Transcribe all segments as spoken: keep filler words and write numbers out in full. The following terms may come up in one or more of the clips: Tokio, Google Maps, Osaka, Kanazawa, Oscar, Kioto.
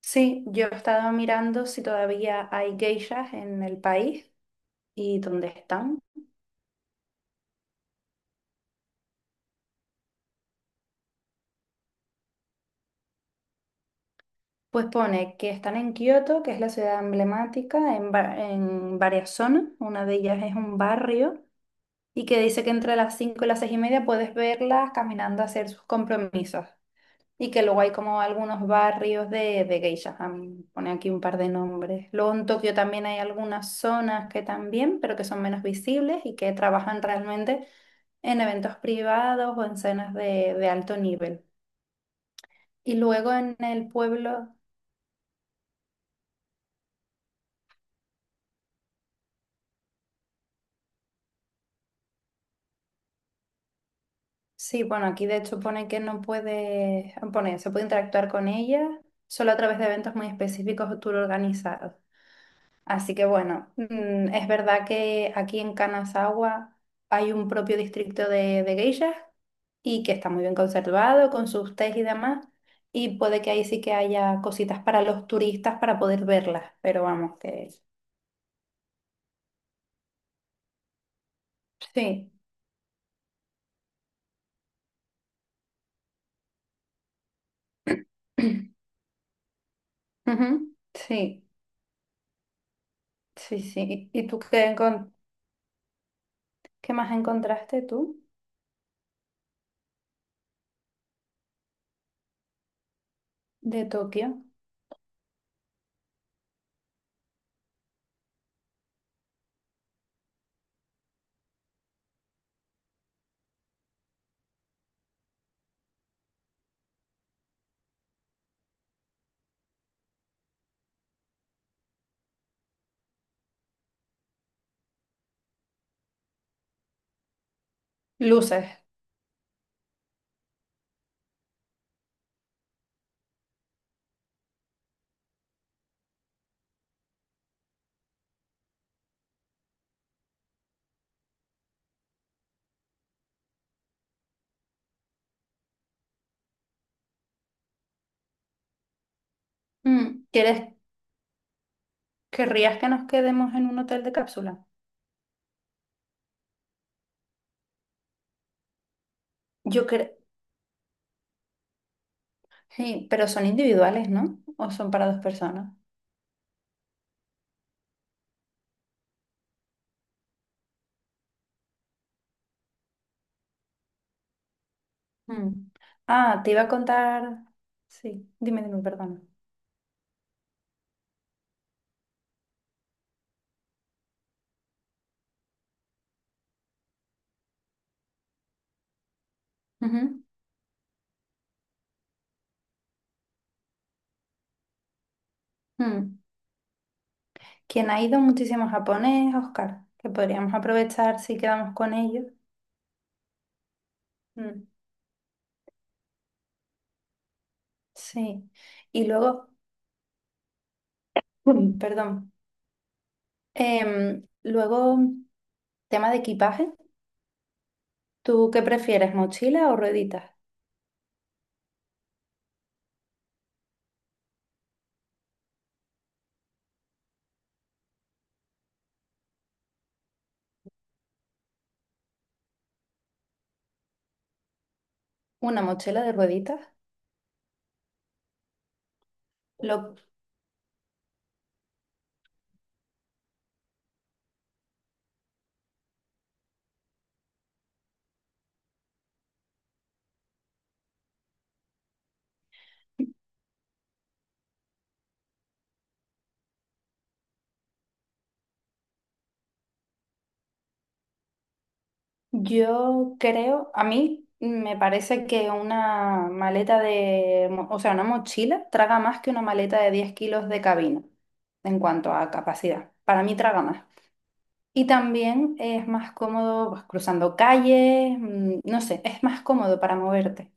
Sí, yo he estado mirando si todavía hay geishas en el país y dónde están. Pues pone que están en Kioto, que es la ciudad emblemática, en, va- en varias zonas. Una de ellas es un barrio y que dice que entre las cinco y las seis y media puedes verlas caminando a hacer sus compromisos. Y que luego hay como algunos barrios de, de geishas. A pone aquí un par de nombres. Luego en Tokio también hay algunas zonas que también, pero que son menos visibles y que trabajan realmente en eventos privados o en cenas de, de alto nivel. Y luego en el pueblo, sí, bueno, aquí de hecho pone que no puede, pone, se puede interactuar con ella solo a través de eventos muy específicos o tour organizados. Así que bueno, mm, es verdad que aquí en Kanazawa hay un propio distrito de, de geishas y que está muy bien conservado con sus tés y demás. Y puede que ahí sí que haya cositas para los turistas para poder verlas, pero vamos, que sí. Ujú. Sí, sí, sí. ¿Y tú qué, encon- qué más encontraste tú de Tokio? Luces. Mm, ¿Quieres, querrías que nos quedemos en un hotel de cápsula? Yo creo, sí, pero son individuales, ¿no? ¿O son para dos personas? Mm. Ah, te iba a contar. Sí, dime, dime, perdona. Ujú. Mm. Quien ha ido muchísimo a Japón es Oscar, que podríamos aprovechar si quedamos con ellos. Mm. Sí. Y luego, mm, perdón, em, luego, tema de equipaje. ¿Tú qué prefieres, mochila o rueditas? Una mochila de rueditas. Lo, yo creo, a mí me parece que una maleta de, mo- o sea, una mochila traga más que una maleta de diez kilos de cabina en cuanto a capacidad. Para mí traga más. Y también es más cómodo pues, cruzando calles, mm, no sé, es más cómodo para moverte.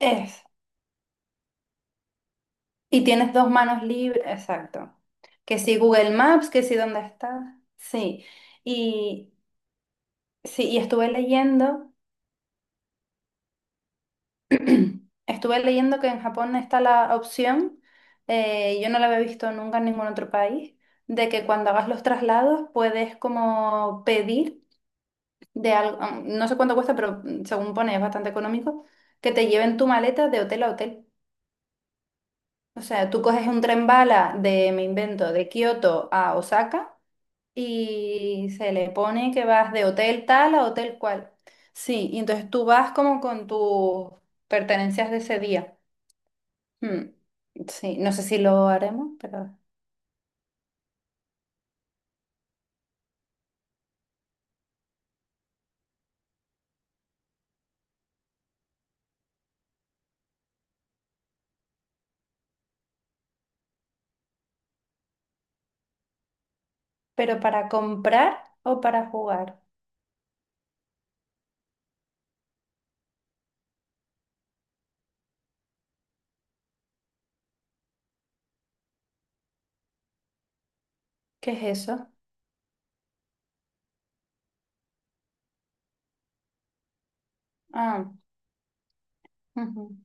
Es. Y tienes dos manos libres, exacto. Que si Google Maps, que si dónde estás. Sí. Y sí, y estuve leyendo. Estuve leyendo que en Japón está la opción, eh, yo no la había visto nunca en ningún otro país, de que cuando hagas los traslados puedes como pedir de algo, no sé cuánto cuesta, pero mm, según pone es bastante económico, que te lleven tu maleta de hotel a hotel. O sea, tú coges un tren bala de, me invento, de Kioto a Osaka y se le pone que vas de hotel tal a hotel cual. Sí, y entonces tú vas como con tus pertenencias de ese día. Hmm. Sí, no sé si lo haremos, pero… ¿Pero para comprar o para jugar? ¿Qué es eso? Ah, ujú,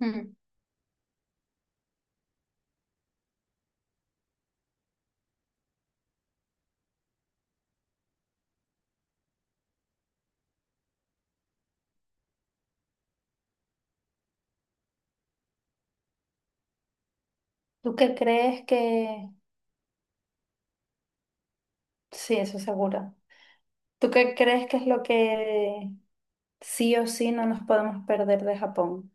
mm. ¿Tú qué crees que… Sí, eso seguro. ¿Tú qué crees que es lo que sí o sí no nos podemos perder de Japón?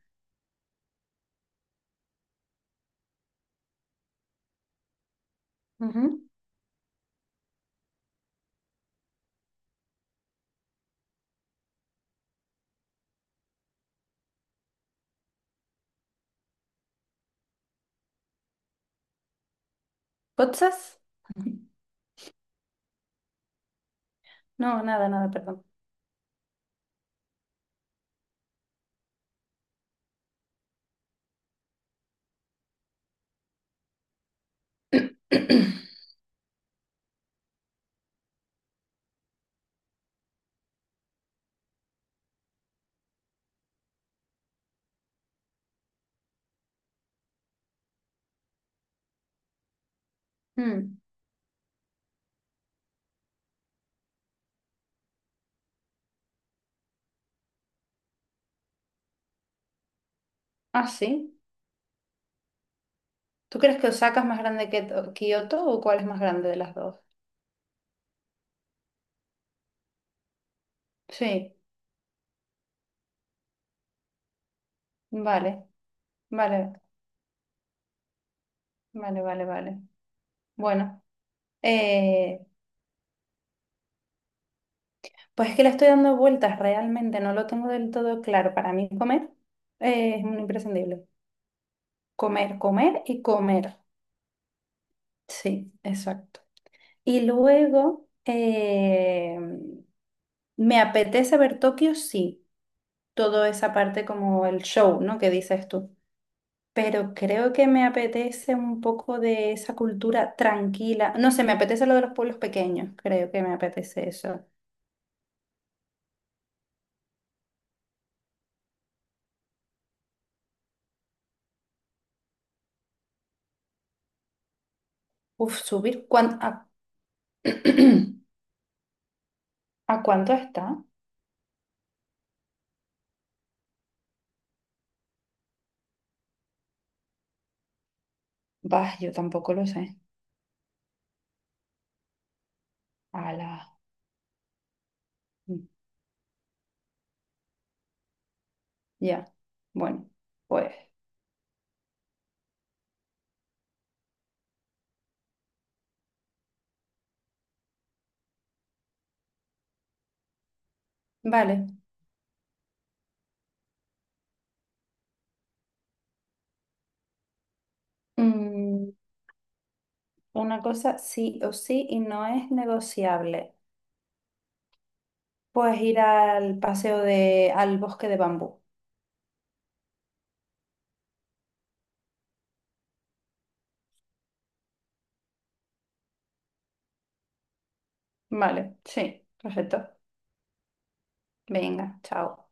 Ujú. ¿Potsas? No, nada, nada, perdón. Mm. Ah, sí. ¿Tú crees que Osaka es más grande que To- Kioto o cuál es más grande de las dos? Sí, vale, vale, vale, vale, vale. Bueno, eh, pues es que le estoy dando vueltas realmente, no lo tengo del todo claro. Para mí comer eh, es un imprescindible. Comer, comer y comer. Sí, exacto. Y luego eh, me apetece ver Tokio, sí, toda esa parte como el show, ¿no? Que dices tú. Pero creo que me apetece un poco de esa cultura tranquila. No sé, me apetece lo de los pueblos pequeños, creo que me apetece eso. Uf, subir cuando… ¿A cuánto está? Bah, yo tampoco lo sé. A la… mm. Ya. Bueno, pues, vale. Mm, una cosa sí o sí y no es negociable. Puedes ir al paseo de… al bosque de bambú. Vale, sí, perfecto. Venga, chao.